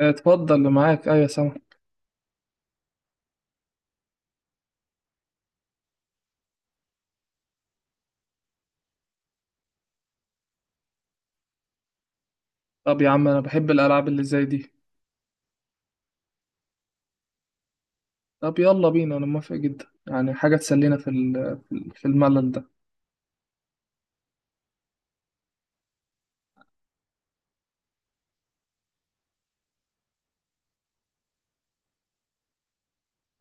اتفضل، اللي معاك، ايوه سامع. طب يا عم، انا بحب الالعاب اللي زي دي. طب يلا بينا، انا موافق جدا، يعني حاجه تسلينا في الملل ده.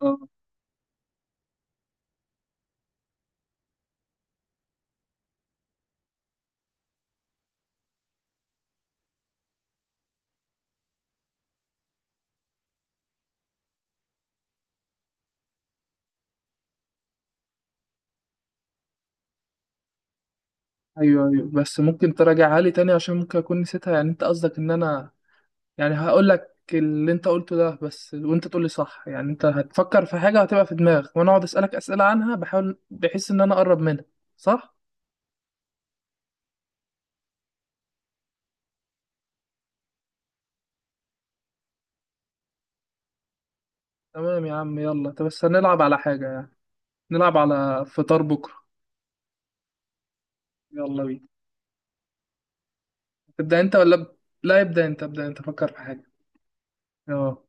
اه، ايوه، ايوه، بس ممكن تراجعها لي تاني، عشان ممكن اكون نسيتها، يعني انت قصدك ان انا يعني هقول لك اللي انت قلته ده بس، وانت تقول لي صح؟ يعني انت هتفكر في حاجه هتبقى في دماغك، وانا اقعد اسالك اسئله عنها، بحاول بحيث ان انا اقرب منها؟ صح. تمام يا عم، يلا. طب بس هنلعب على حاجه يعني؟ نلعب على فطار بكره. يلا بينا. تبدأ انت ولا لا، يبدأ انت ابدأ انت، فكر في حاجة. اه.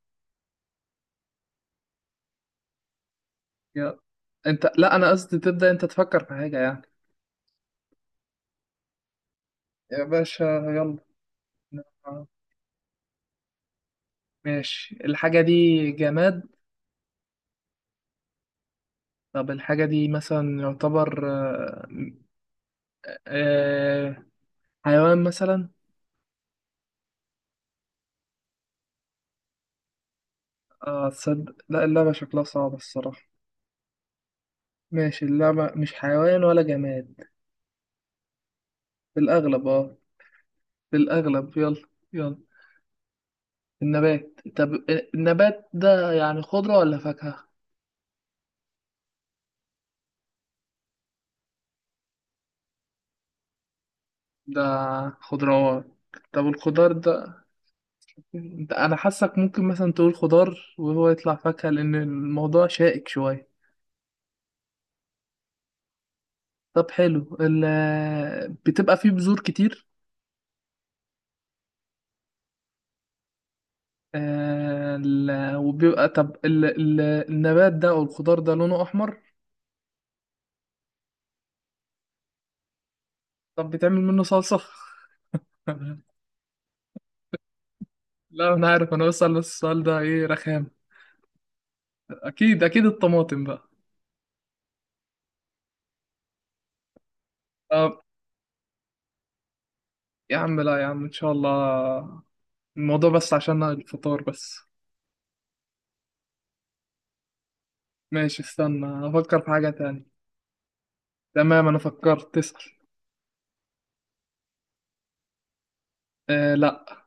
يلا. انت، لا، انا قصدي تبدأ انت، تفكر في حاجة يعني. يا باشا. يلا. ماشي، الحاجة دي جماد؟ طب الحاجة دي مثلا يعتبر آه، حيوان مثلا؟ اه، تصدق، لا اللعبة شكلها صعبة الصراحة. ماشي، اللعبة مش حيوان ولا جماد؟ في الأغلب اه. في الأغلب، يلا. يلا. النبات، طب النبات ده يعني خضرة ولا فاكهة؟ ده خضروات؟ طب الخضار ده، ده انا حاسك ممكن مثلا تقول خضار وهو يطلع فاكهة، لان الموضوع شائك شوية. طب حلو، بتبقى فيه بذور كتير؟ آه، ال... وبيبقى طب النبات ده او الخضار ده لونه احمر؟ طب بتعمل منه صلصة؟ لا انا عارف، انا بسأل السؤال ده، ايه رخام؟ اكيد، اكيد الطماطم بقى. طب يا عم، لا يا عم، ان شاء الله، الموضوع بس عشان الفطار بس. ماشي، استنى افكر في حاجة تانية. تمام، انا فكرت، تسأل. آه، لا.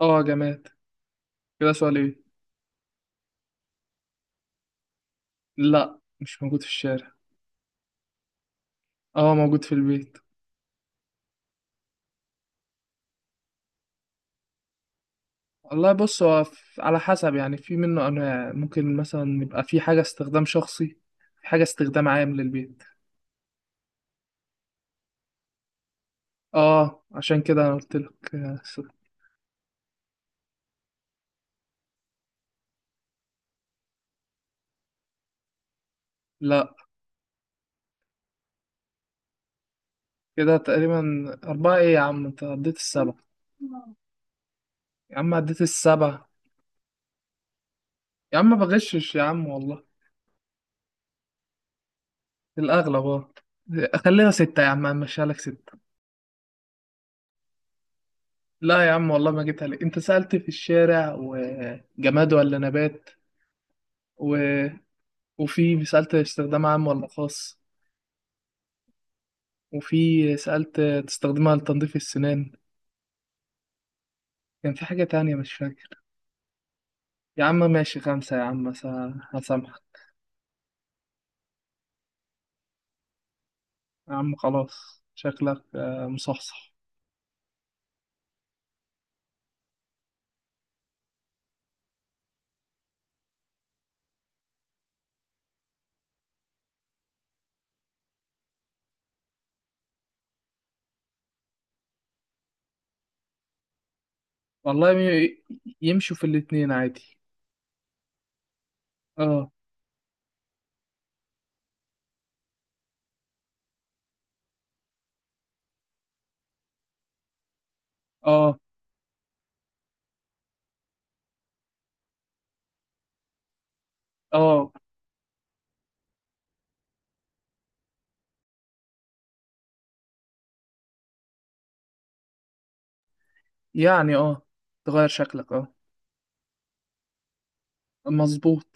اه، جماد. كده سؤال ايه؟ لا، مش موجود في الشارع. اه، موجود في البيت. والله، بص، هو على حسب يعني، في منه انواع، ممكن مثلا يبقى في حاجة استخدام شخصي، في حاجة استخدام عام للبيت. اه، عشان كده انا قلت لك. لا. كده تقريبا. اربعة ايه يا عم، انت عديت السبعة. يا عم عديت السبعة. يا عم ما بغشش يا عم، والله. الأغلب اه. خليها ستة يا عم، همشيها لك ستة. لا يا عم والله ما جبتها لك، أنت سألت في الشارع وجماد ولا نبات، و... وفي سألت استخدام عام ولا خاص، وفي سألت تستخدمها لتنظيف السنان، كان في حاجة تانية مش فاكر. يا عم ماشي، خمسة يا عم. هسامحك. يا عم خلاص، شكلك مصحصح. والله. يمشوا في الاتنين عادي. اه، اه، اه. يعني اه، تغير شكلك اه. مظبوط.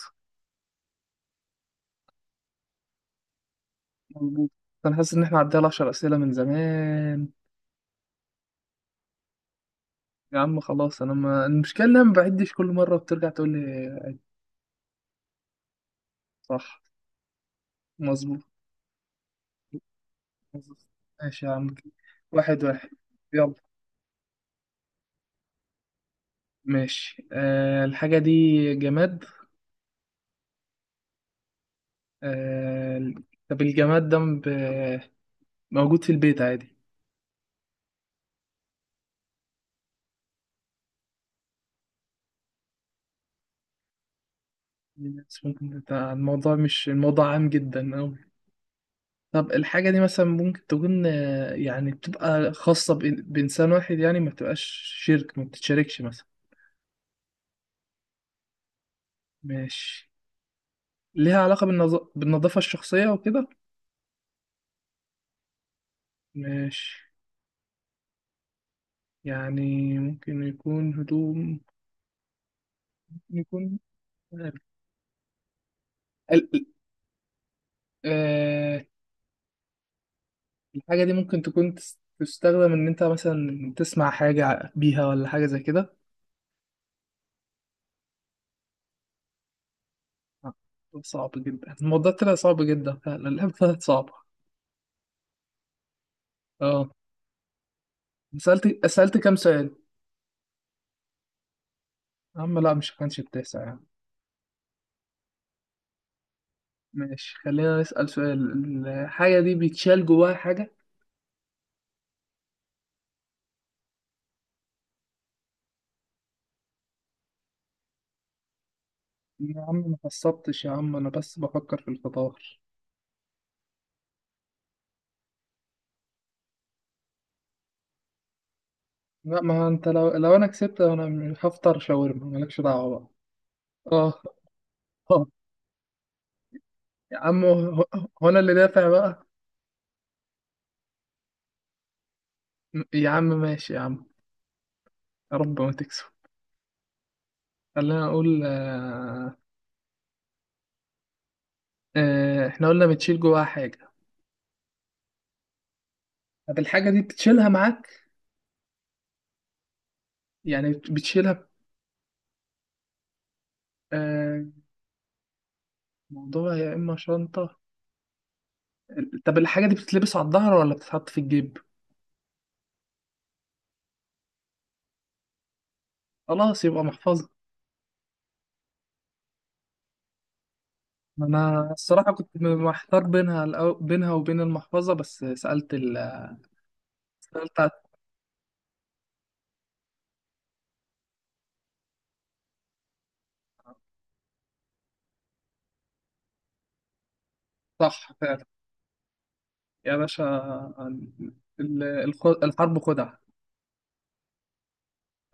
مظبوط. انا حاسس ان احنا عدينا على 10 اسئله من زمان. يا عم خلاص، انا ما المشكله ان انا ما بعدش، كل مره بترجع تقول لي. صح. مظبوط. مظبوط، ماشي يا عم. واحد واحد. يلا. ماشي، الحاجه دي جماد؟ أه. طب الجماد ده موجود في البيت عادي؟ الناس ممكن بتاع الموضوع، مش الموضوع عام جدا أوي. طب الحاجة دي مثلا ممكن تكون يعني بتبقى خاصة بإنسان واحد، يعني ما بتبقاش شركة، ما بتتشاركش مثلا. ماشي. ليها علاقة بالنظافة الشخصية وكده؟ ماشي. يعني ممكن يكون هدوم؟ ممكن يكون ال... ال- آه... الحاجة دي ممكن تستخدم إن أنت مثلا تسمع حاجة بيها ولا حاجة زي كده؟ آه، صعب جدا الموضوع، طلع صعب جدا فعلا. اللعبة طلعت صعبة. اه، سألت كام سؤال؟ يا عم لا، مش كانش التاسع يعني. ماشي، خلينا نسأل سؤال، الحاجة دي بيتشال جواها حاجة؟ يا عم ما قصبتش يا عم، انا بس بفكر في الفطار. لا، ما انت، لو انا كسبت، انا مش هفطر شاورما، مالكش دعوة بقى. اه، اه. يا عم، هو انا اللي دافع بقى. يا عم ماشي يا عم، يا رب ما تكسب. خلينا اقول. احنا قلنا بتشيل جواها حاجة. طب الحاجة دي بتشيلها معاك؟ يعني بتشيلها. آه، موضوع يا اما شنطة. طب الحاجة دي بتتلبس على الظهر ولا بتتحط في الجيب؟ خلاص يبقى محفظة. انا الصراحه كنت محتار بينها، بينها وبين المحفظه، بس سالت سالت على الصح فعلا يا باشا. الحرب خدعه.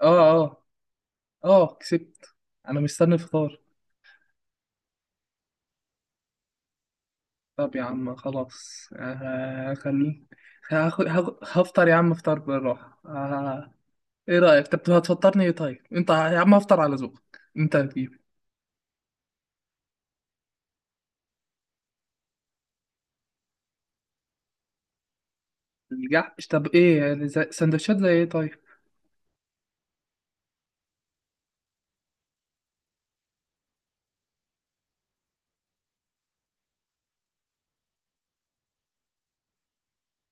اه، اه. اه كسبت. انا مستني الفطار. طب يا عم خلاص، خلي. هفطر يا عم، افطر بالراحه. ايه رايك، طب هتفطرني ايه طيب؟ انت يا عم هفطر على ذوقك، انت هتجيب. الجحش؟ طب ايه يعني، سندوتشات زي ايه طيب؟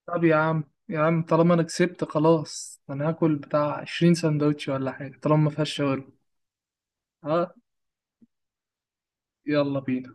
طب يا عم، يا عم طالما انا كسبت خلاص، انا هاكل بتاع 20 سندوتش ولا حاجه، طالما ما فيهاش شاورما. ها. يلا بينا.